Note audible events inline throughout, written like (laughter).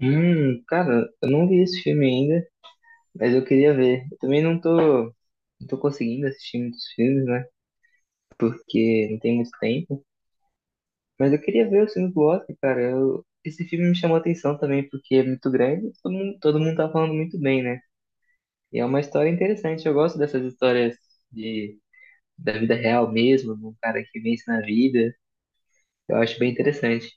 Cara, eu não vi esse filme ainda, mas eu queria ver. Eu também não tô conseguindo assistir muitos filmes, né? Porque não tem muito tempo. Mas eu queria ver os filmes do Oscar, cara. Esse filme me chamou a atenção também, porque é muito grande e todo mundo tá falando muito bem, né? E é uma história interessante. Eu gosto dessas histórias de, da vida real mesmo, de um cara que vence na vida. Eu acho bem interessante.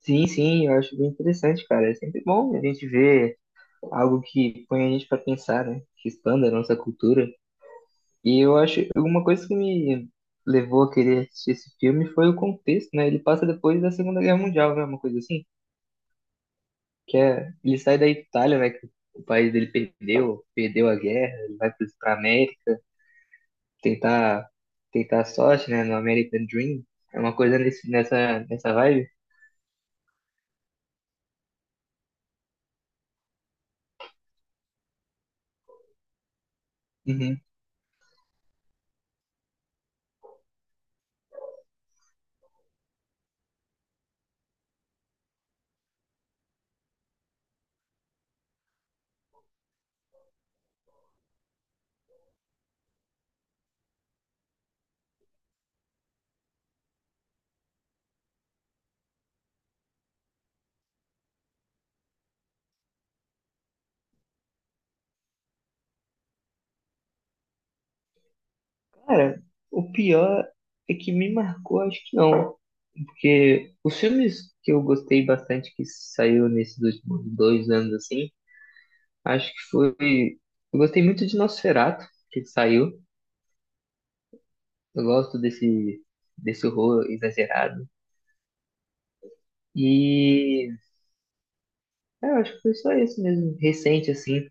Sim, sim, eu acho bem interessante, cara. É sempre bom a gente ver algo que põe a gente para pensar, né? Que expanda a nossa cultura. E eu acho uma coisa que me levou a querer assistir esse filme foi o contexto, né? Ele passa depois da Segunda Guerra Mundial, né? Uma coisa assim, que é ele sai da Itália, né? Que o país dele perdeu a guerra, ele vai para a América tentar tentar a sorte, né? No American Dream, é uma coisa nesse, nessa nessa vibe. Uhum. Cara, o pior é que me marcou, acho que não. Porque os filmes que eu gostei bastante que saiu nesses últimos 2 anos, assim, acho que foi. Eu gostei muito de Nosferatu, que saiu. Eu gosto desse horror exagerado. E eu acho que foi só esse mesmo, recente, assim.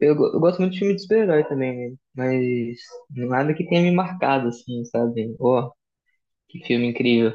Eu gosto muito de filme de super-herói também, né? Mas nada que tenha me marcado, assim, sabe? Ó, que filme incrível.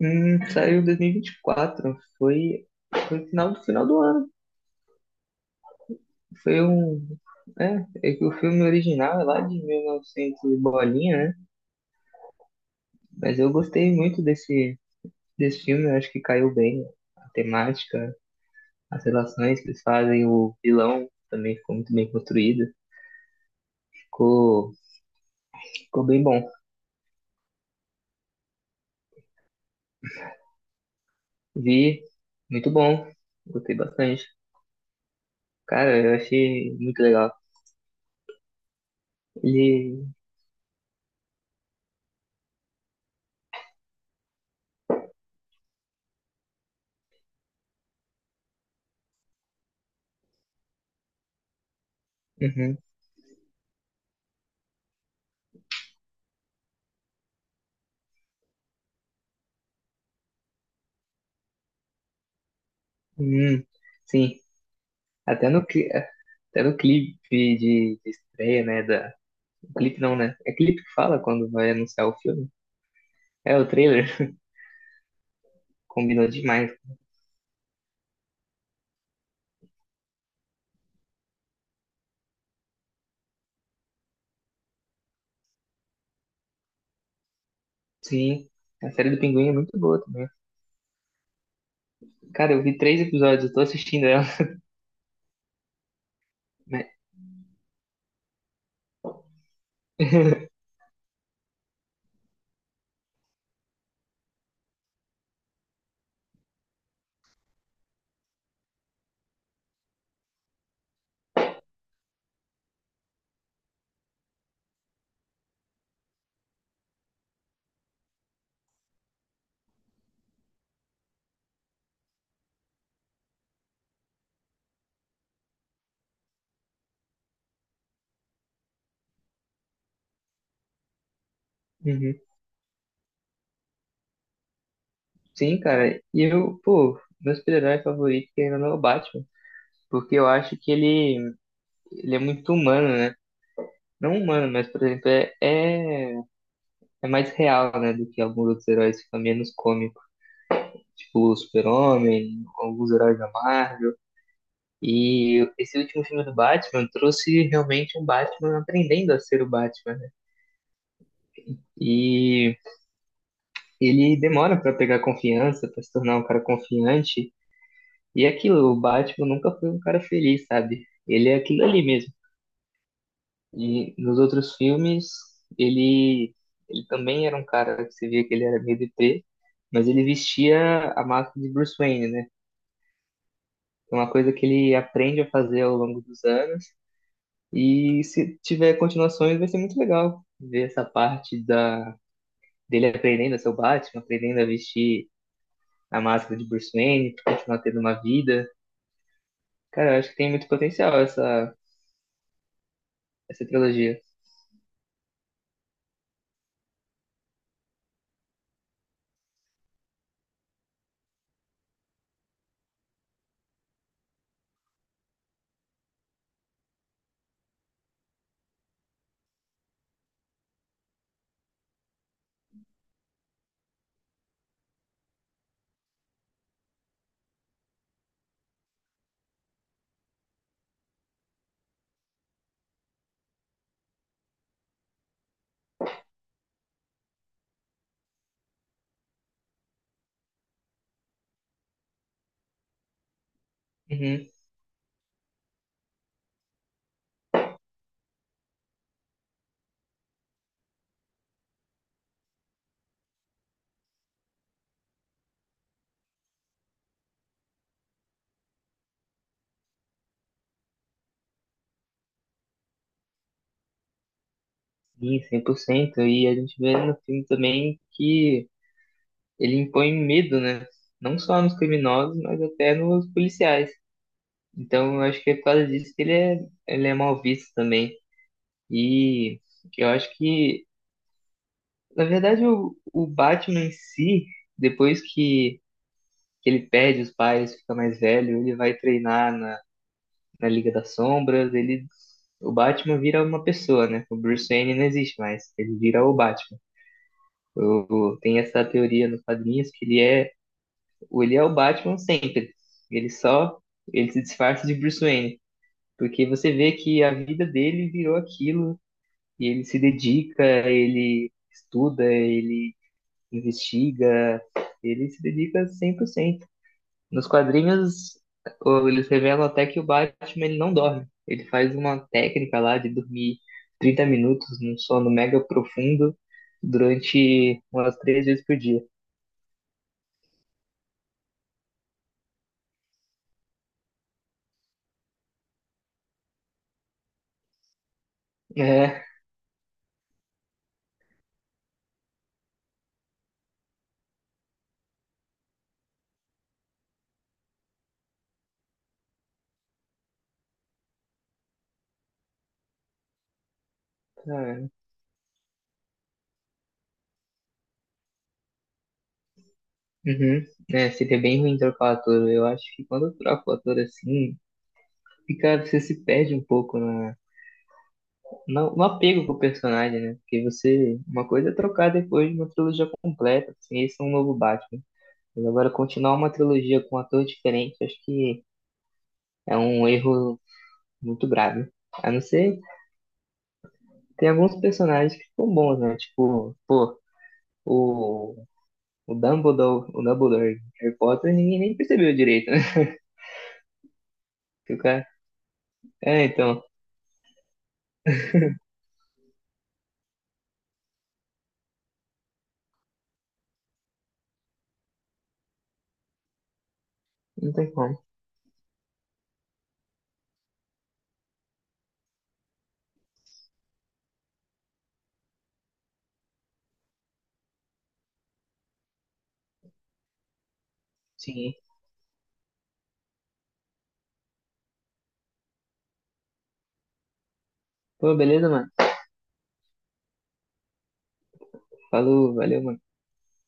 Saiu em 2024. Foi no final do ano. Foi um. É que o filme original é lá de 1900 e novecentos e bolinha, né? Mas eu gostei muito desse filme. Eu acho que caiu bem a temática, as relações que eles fazem. O vilão também ficou muito bem construído. Ficou, ficou bem bom. Vi, muito bom. Gostei bastante. Cara, eu achei muito legal. Ele. Uhum. Hum, sim. Até no, cli- é, até no clipe de estreia, né? Clipe não, né? É clipe que fala quando vai anunciar o filme. É, o trailer combinou demais. Sim, a série do Pinguim é muito boa também. Cara, eu vi três episódios, eu tô assistindo ela. (laughs) Né? Uhum. Sim, cara. E eu, pô, meu super-herói favorito ainda não é o Batman. Porque eu acho que ele é muito humano, né? Não humano, mas, por exemplo, é mais real, né? Do que alguns outros heróis, fica menos cômico. Tipo o Super-Homem, alguns heróis da Marvel. E esse último filme do Batman trouxe realmente um Batman aprendendo a ser o Batman, né? E ele demora para pegar confiança, para se tornar um cara confiante. E é aquilo, o Batman nunca foi um cara feliz, sabe? Ele é aquilo ali mesmo. E nos outros filmes, ele, ele também era um cara que você via que ele era meio deprê, mas ele vestia a máscara de Bruce Wayne, né? É uma coisa que ele aprende a fazer ao longo dos anos. E se tiver continuações, vai ser muito legal ver essa parte da dele aprendendo a ser o Batman, aprendendo a vestir a máscara de Bruce Wayne, pra continuar tendo uma vida. Cara, eu acho que tem muito potencial essa trilogia. Uhum. Sim, 100%. E a gente vê no filme também que ele impõe medo, né? Não só nos criminosos, mas até nos policiais. Então, eu acho que é por causa disso que ele é mal visto também. E eu acho que, na verdade, o Batman em si, depois que ele perde os pais, fica mais velho, ele vai treinar na, na, Liga das Sombras, o Batman vira uma pessoa, né? O Bruce Wayne não existe mais, ele vira o Batman. O- Tem essa teoria nos quadrinhos que ele é o Batman sempre. Ele só, Ele se disfarça de Bruce Wayne, porque você vê que a vida dele virou aquilo, e ele se dedica, ele estuda, ele investiga, ele se dedica 100%. Nos quadrinhos, eles revelam até que o Batman ele não dorme. Ele faz uma técnica lá de dormir 30 minutos num sono mega profundo durante umas 3 vezes por dia. É, cara. Uhum. É, seria bem ruim trocar o ator. Eu acho que quando eu troco o ator assim, você se perde um pouco no apego com o personagem, né? Porque uma coisa é trocar depois de uma trilogia completa, assim, esse é um novo Batman. Mas agora continuar uma trilogia com um ator diferente, acho que é um erro muito grave. A não ser Tem alguns personagens que ficam bons, né? Tipo, pô, o, o Dumbledore, o Dumbledore de Harry Potter, ninguém nem percebeu direito, né? (laughs) Que o cara- É, então, não tem como. Sim. Pô, beleza, mano. Falou, valeu, mano.